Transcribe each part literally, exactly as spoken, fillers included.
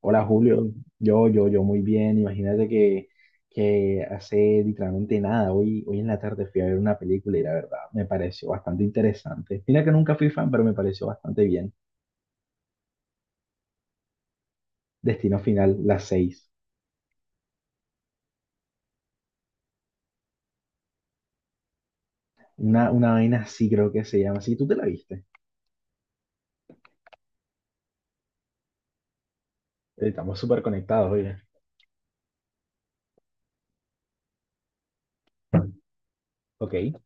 Hola Julio, yo, yo, yo muy bien. Imagínate que, que hace literalmente nada. Hoy, hoy en la tarde fui a ver una película y la verdad me pareció bastante interesante. Mira que nunca fui fan, pero me pareció bastante bien. Destino Final, las seis. Una, una vaina así creo que se llama. ¿Sí tú te la viste? Estamos súper conectados, oye. Ok.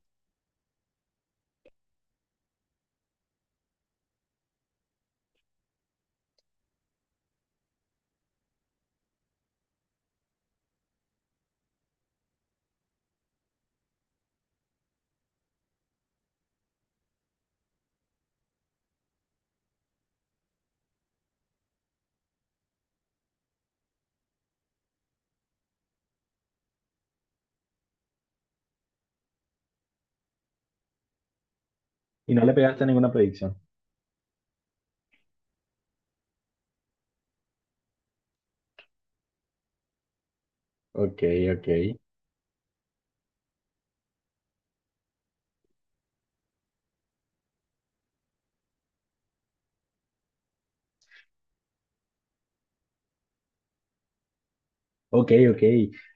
¿Y no le pegaste ninguna predicción? Ok, ok. Ok, ok.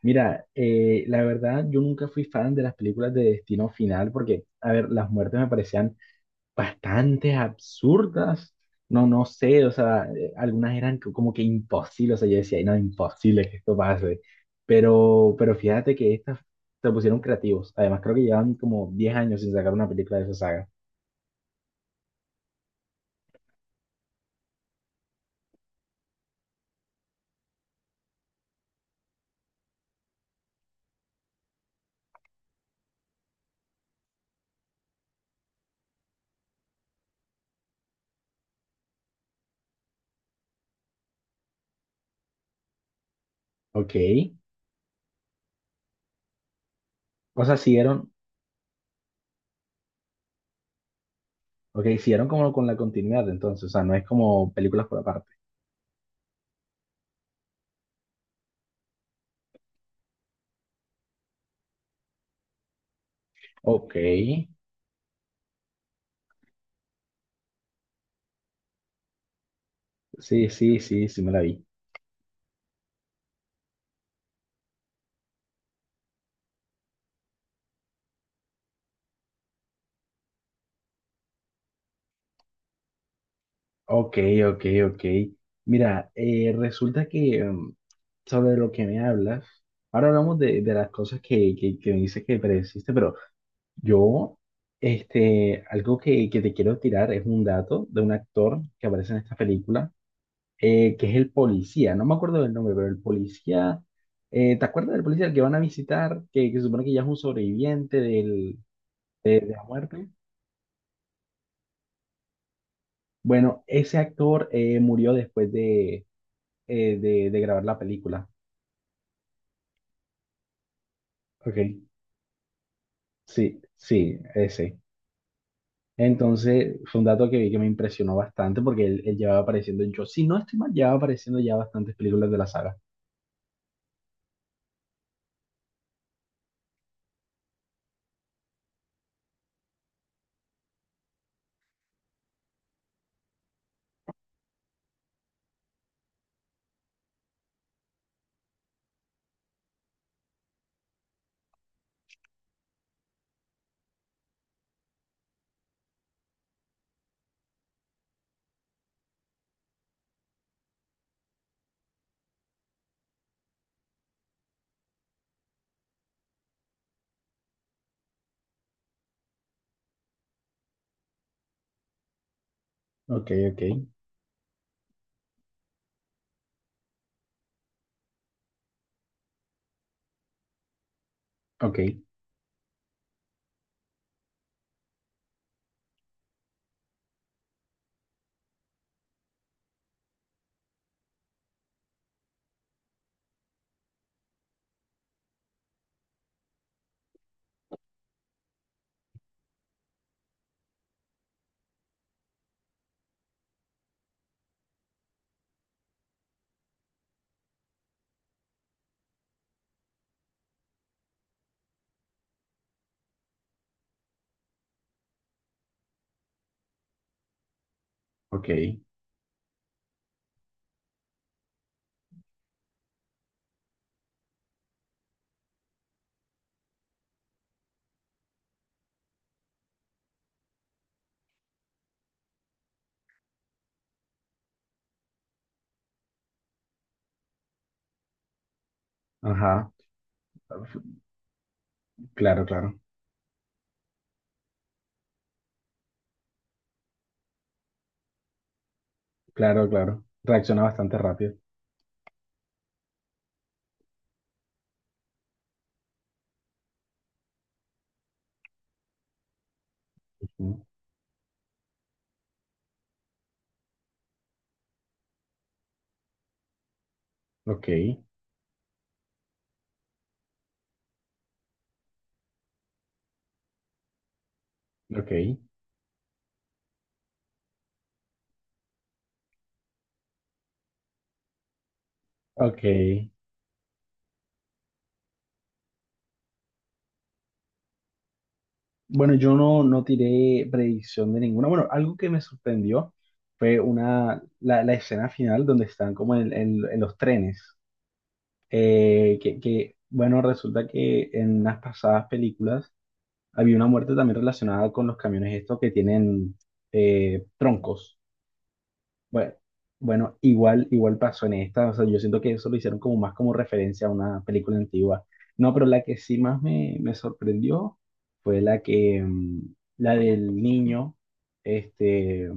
Mira, eh, la verdad, yo nunca fui fan de las películas de Destino Final porque, a ver, las muertes me parecían bastante absurdas. No, no sé, o sea, eh, algunas eran co- como que imposibles, o sea, yo decía, "Ay, no, imposible que esto pase. Pero, pero fíjate que estas se pusieron creativos. Además, creo que llevan como diez años sin sacar una película de esa saga. Ok. O sea, siguieron, ok, siguieron como con la continuidad entonces, o sea, no es como películas por aparte. Ok. Sí, sí, sí, sí me la vi. Ok, ok, ok. Mira, eh, resulta que mm, sobre lo que me hablas, ahora hablamos de, de las cosas que, que, que me dices que predeciste, pero yo, este, algo que, que te quiero tirar es un dato de un actor que aparece en esta película, eh, que es el policía, no me acuerdo del nombre, pero el policía, eh, ¿te acuerdas del policía al que van a visitar, que, que se supone que ya es un sobreviviente del, de la muerte? Bueno, ese actor eh, murió después de, eh, de de grabar la película. Ok, sí, sí, ese. Entonces, fue un dato que vi que me impresionó bastante porque él, él llevaba apareciendo, yo si no estoy mal, llevaba apareciendo ya bastantes películas de la saga. Ok, ok, ok, ok, ajá, claro, claro, claro, claro. Reacciona bastante rápido. Ujú. Ok, ok, ok. Bueno, yo no, no tiré predicción de ninguna. Bueno, algo que me sorprendió fue una, la, la escena final donde están como en, en en los trenes. Eh, que, que, bueno, resulta que en unas pasadas películas había una muerte también relacionada con los camiones estos que tienen eh, troncos. Bueno, bueno, igual, igual pasó en esta. O sea, yo siento que eso lo hicieron como más como referencia a una película antigua. No, pero la que sí más me, me sorprendió fue la que, mm, la del niño, este,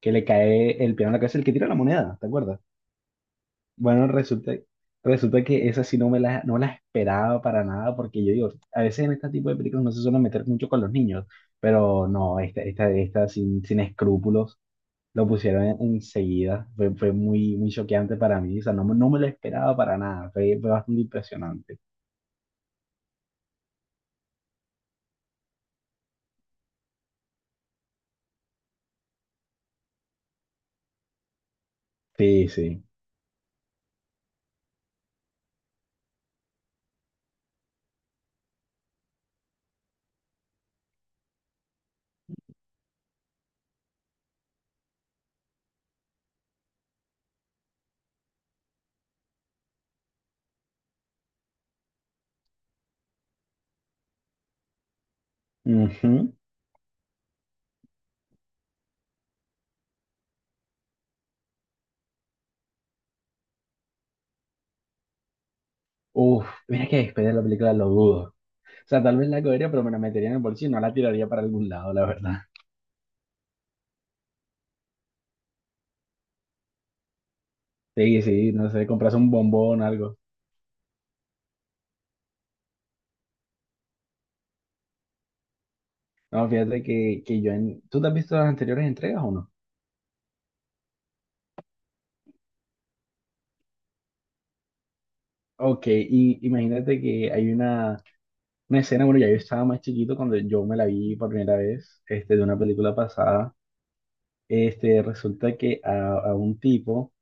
que le cae el piano en la cabeza, el que tira la moneda, ¿te acuerdas? Bueno, resulta, resulta que esa sí no me la, no la esperaba para nada, porque yo digo, a veces en este tipo de películas no se suele meter mucho con los niños, pero no, esta, esta, esta sin, sin escrúpulos lo pusieron en- enseguida. Fue, fue muy, muy choqueante para mí, o sea, no, me- no me lo esperaba para nada, fue, fue bastante impresionante. Sí, sí. Ujú. Uf, mira que después de la película lo dudo. O sea, tal vez la cogería, pero me la metería en el bolsillo y no la tiraría para algún lado, la verdad. Sí, sí, no sé, compras un bombón, algo. No, fíjate que, que yo en... ¿Tú te has visto las anteriores entregas o no? Ok, y imagínate que hay una, una escena, bueno, ya yo estaba más chiquito cuando yo me la vi por primera vez, este, de una película pasada, este, resulta que a, a un tipo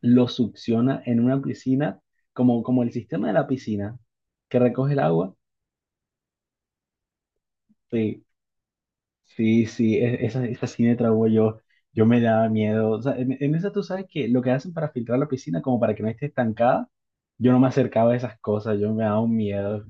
lo succiona en una piscina, como, como el sistema de la piscina, que recoge el agua. Sí, sí, e- esa, esa sí me traumó yo. Yo me daba miedo. O sea, en, en esa tú sabes que lo que hacen para filtrar la piscina, como para que no esté estancada, yo no me acercaba a esas cosas, yo me daba un miedo.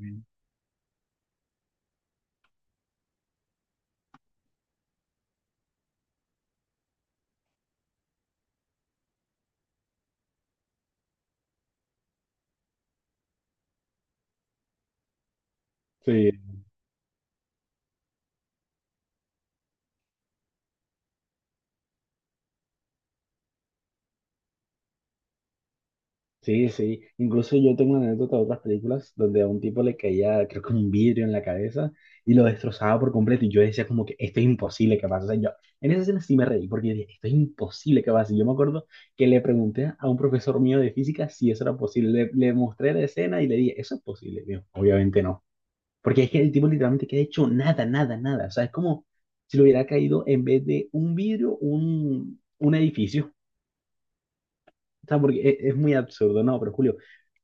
Sí. Sí, sí. Incluso yo tengo una anécdota de otras películas donde a un tipo le caía, creo que un vidrio en la cabeza y lo destrozaba por completo. Y yo decía como que esto es imposible que pase. O sea, yo en esa escena sí me reí porque yo dije, esto es imposible que pase. Yo me acuerdo que le pregunté a un profesor mío de física si eso era posible. Le, le mostré la escena y le dije, ¿eso es posible? Me dijo, obviamente no. Porque es que el tipo literalmente que ha hecho nada, nada, nada. O sea, es como si le hubiera caído en vez de un vidrio, un, un edificio. O sea, porque es, es muy absurdo, ¿no? Pero Julio.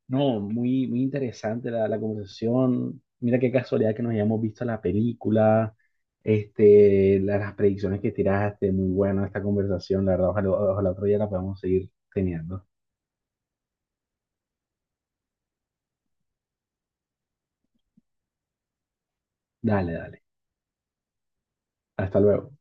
No, muy, muy interesante la, la conversación. Mira qué casualidad que nos hayamos visto la película, este, la- las predicciones que tiraste, muy buena esta conversación, la verdad, ojalá, ojalá otro día la podamos seguir teniendo. Dale, dale. Hasta luego.